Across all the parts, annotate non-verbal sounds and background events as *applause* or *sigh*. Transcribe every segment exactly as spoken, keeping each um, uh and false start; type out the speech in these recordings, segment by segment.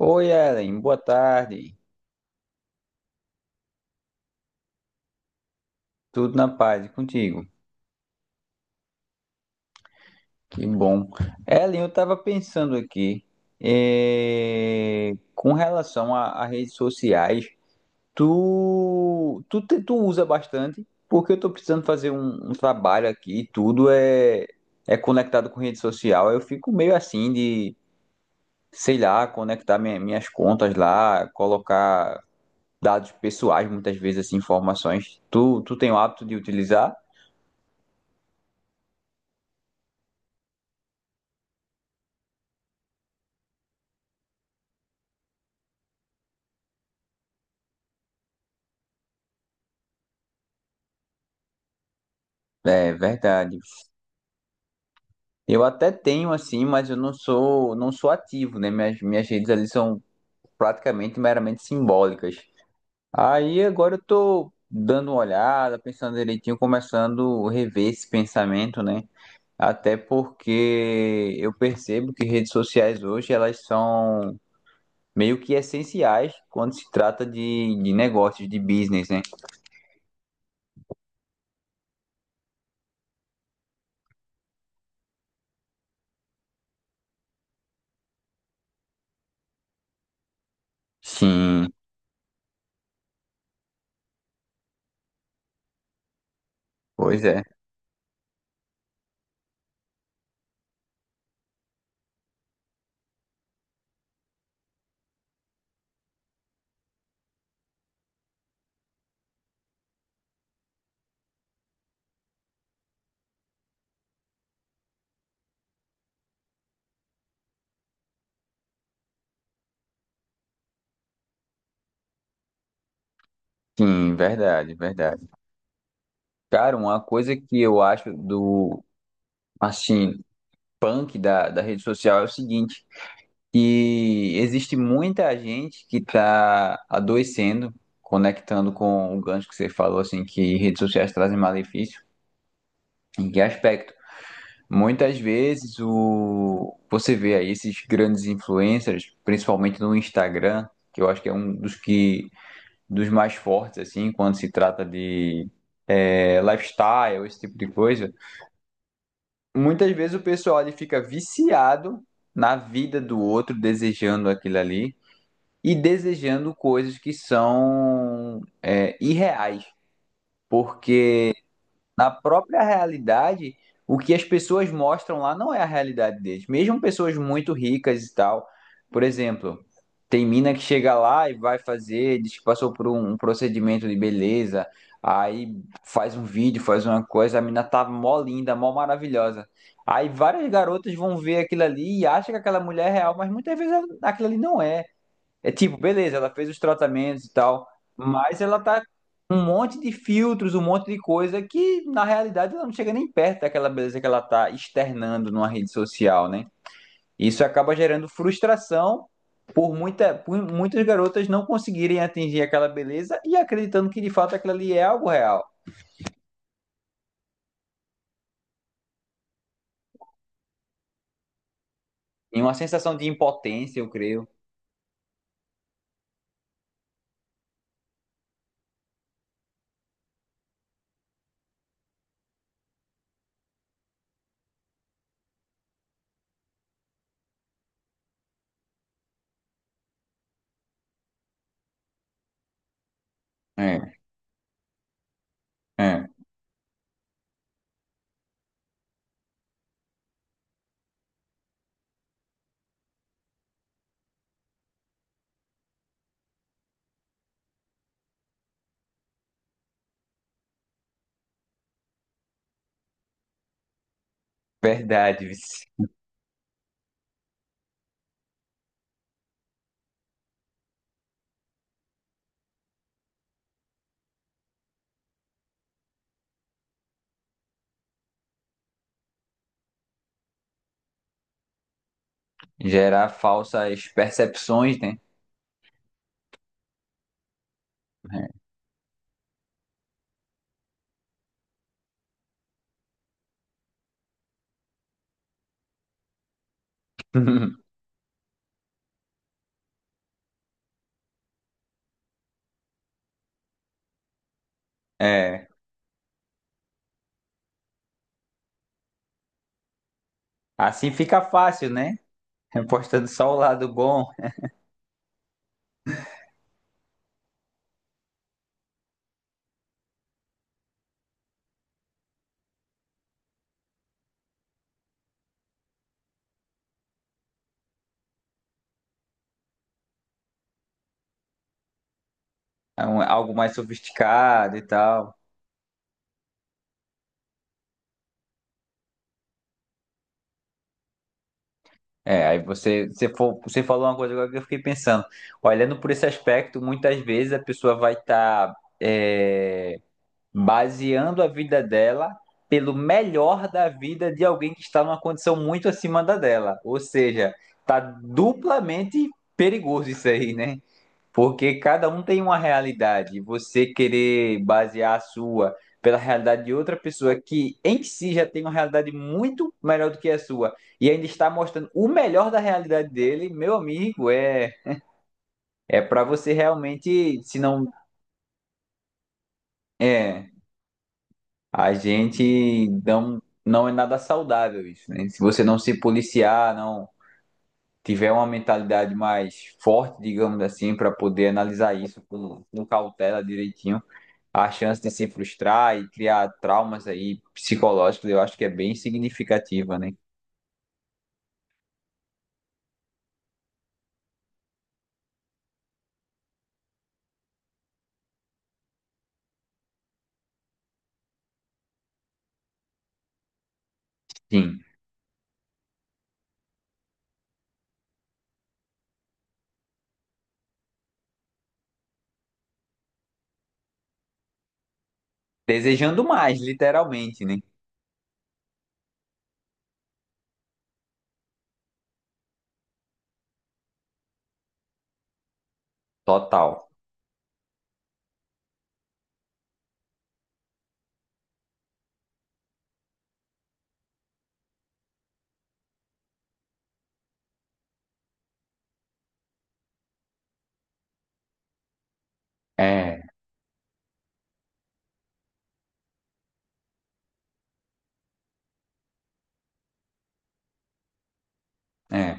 Oi, Ellen, boa tarde. Tudo na paz e contigo? Que bom. Ellen, eu estava pensando aqui, eh, com relação a, a redes sociais, tu, tu, te- tu usa bastante, porque eu estou precisando fazer um, um trabalho aqui, e tudo é, é conectado com rede social. Eu fico meio assim de, sei lá, conectar minha- minhas contas lá, colocar dados pessoais, muitas vezes, assim, informações. Tu, tu tem o hábito de utilizar? É verdade. Eu até tenho assim, mas eu não sou não sou ativo, né? Minhas, minhas redes ali são praticamente meramente simbólicas. Aí agora eu tô dando uma olhada, pensando direitinho, começando a rever esse pensamento, né? Até porque eu percebo que redes sociais hoje elas são meio que essenciais quando se trata de, de negócios, de business, né? Sim, pois é. Sim, verdade, verdade. Cara, uma coisa que eu acho do assim punk da, da rede social é o seguinte, que existe muita gente que está adoecendo, conectando com o gancho que você falou, assim, que redes sociais trazem malefício. Em que aspecto? Muitas vezes o você vê aí esses grandes influencers, principalmente no Instagram, que eu acho que é um dos que dos mais fortes assim, quando se trata de é, lifestyle, esse tipo de coisa. Muitas vezes o pessoal ali fica viciado na vida do outro, desejando aquilo ali e desejando coisas que são é, irreais, porque na própria realidade, o que as pessoas mostram lá não é a realidade deles. Mesmo pessoas muito ricas e tal. Por exemplo, tem mina que chega lá e vai fazer, diz que passou por um um procedimento de beleza, aí faz um vídeo, faz uma coisa, a mina tá mó linda, mó maravilhosa. Aí várias garotas vão ver aquilo ali e acham que aquela mulher é real, mas muitas vezes aquilo ali não é. É tipo, beleza, ela fez os tratamentos e tal, mas ela tá com um monte de filtros, um monte de coisa que na realidade ela não chega nem perto daquela beleza que ela tá externando numa rede social, né? Isso acaba gerando frustração por, muita, por muitas garotas não conseguirem atingir aquela beleza e acreditando que de fato aquilo ali é algo real. E uma sensação de impotência, eu creio. É, é, verdade, vice. Gerar falsas percepções, né? É. *laughs* Assim fica fácil, né? *laughs* Postando só o lado bom, é um- algo mais sofisticado e tal. É, aí você, você, fo- você falou uma coisa agora que eu fiquei pensando. Olhando por esse aspecto, muitas vezes a pessoa vai estar baseando a vida dela pelo melhor da vida de alguém que está numa condição muito acima da dela. Ou seja, tá duplamente perigoso isso aí, né? Porque cada um tem uma realidade, e você querer basear a sua pela realidade de outra pessoa que em si já tem uma realidade muito melhor do que a sua e ainda está mostrando o melhor da realidade dele, meu amigo, é é para você realmente, se não é, a gente não não é nada saudável isso, né? Se você não se policiar, não tiver uma mentalidade mais forte, digamos assim, para poder analisar isso com, com cautela direitinho, a chance de se frustrar e criar traumas aí psicológicos, eu acho que é bem significativa, né? Sim. Desejando mais, literalmente, né? Total. É, é.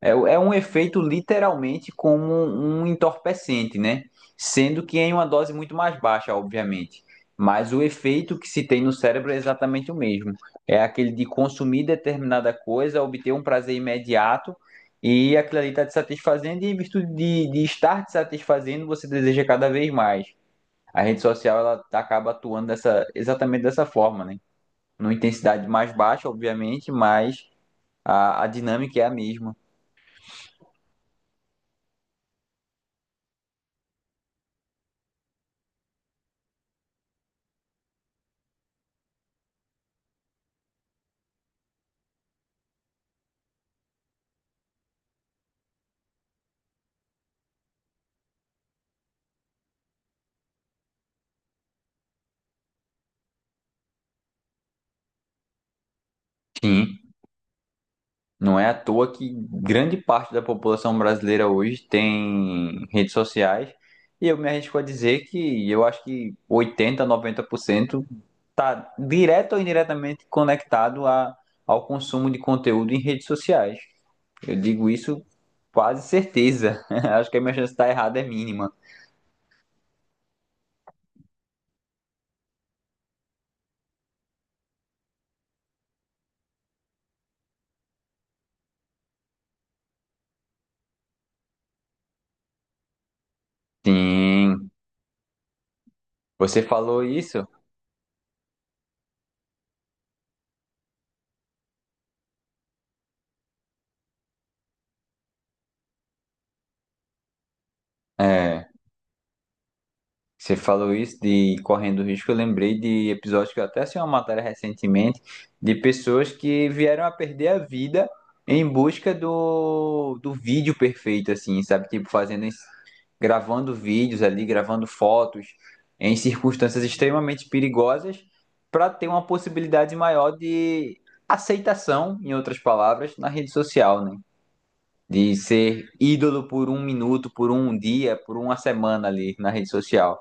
É, é um efeito literalmente como um um entorpecente, né? Sendo que em uma dose muito mais baixa, obviamente. Mas o efeito que se tem no cérebro é exatamente o mesmo. É aquele de consumir determinada coisa, obter um prazer imediato e aquilo ali está te satisfazendo, e em virtude de, de estar te satisfazendo, você deseja cada vez mais. A rede social ela acaba atuando dessa, exatamente dessa forma, né? Numa intensidade mais baixa, obviamente, mas a, a dinâmica é a mesma. Sim. Não é à toa que grande parte da população brasileira hoje tem redes sociais, e eu me arrisco a dizer que eu acho que oitenta, noventa por cento está direto ou indiretamente conectado a, ao consumo de conteúdo em redes sociais. Eu digo isso quase certeza. *laughs* Acho que a minha chance de estar errada é mínima. Sim, você falou isso. É, você falou isso de correndo risco, eu lembrei de episódios que eu até assisti uma matéria recentemente de pessoas que vieram a perder a vida em busca do, do vídeo perfeito, assim, sabe? Tipo, fazendo, esse- gravando vídeos ali, gravando fotos em circunstâncias extremamente perigosas para ter uma possibilidade maior de aceitação, em outras palavras, na rede social, né? De ser ídolo por um minuto, por um dia, por uma semana ali na rede social.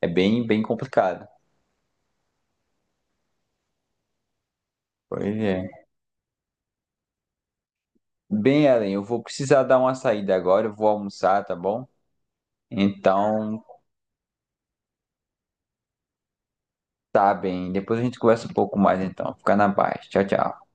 É bem, bem complicado. Pois é. Bem, Ellen, eu vou precisar dar uma saída agora, eu vou almoçar, tá bom? Então, tá bem. Depois a gente conversa um pouco mais, então. Fica na paz. Tchau, tchau.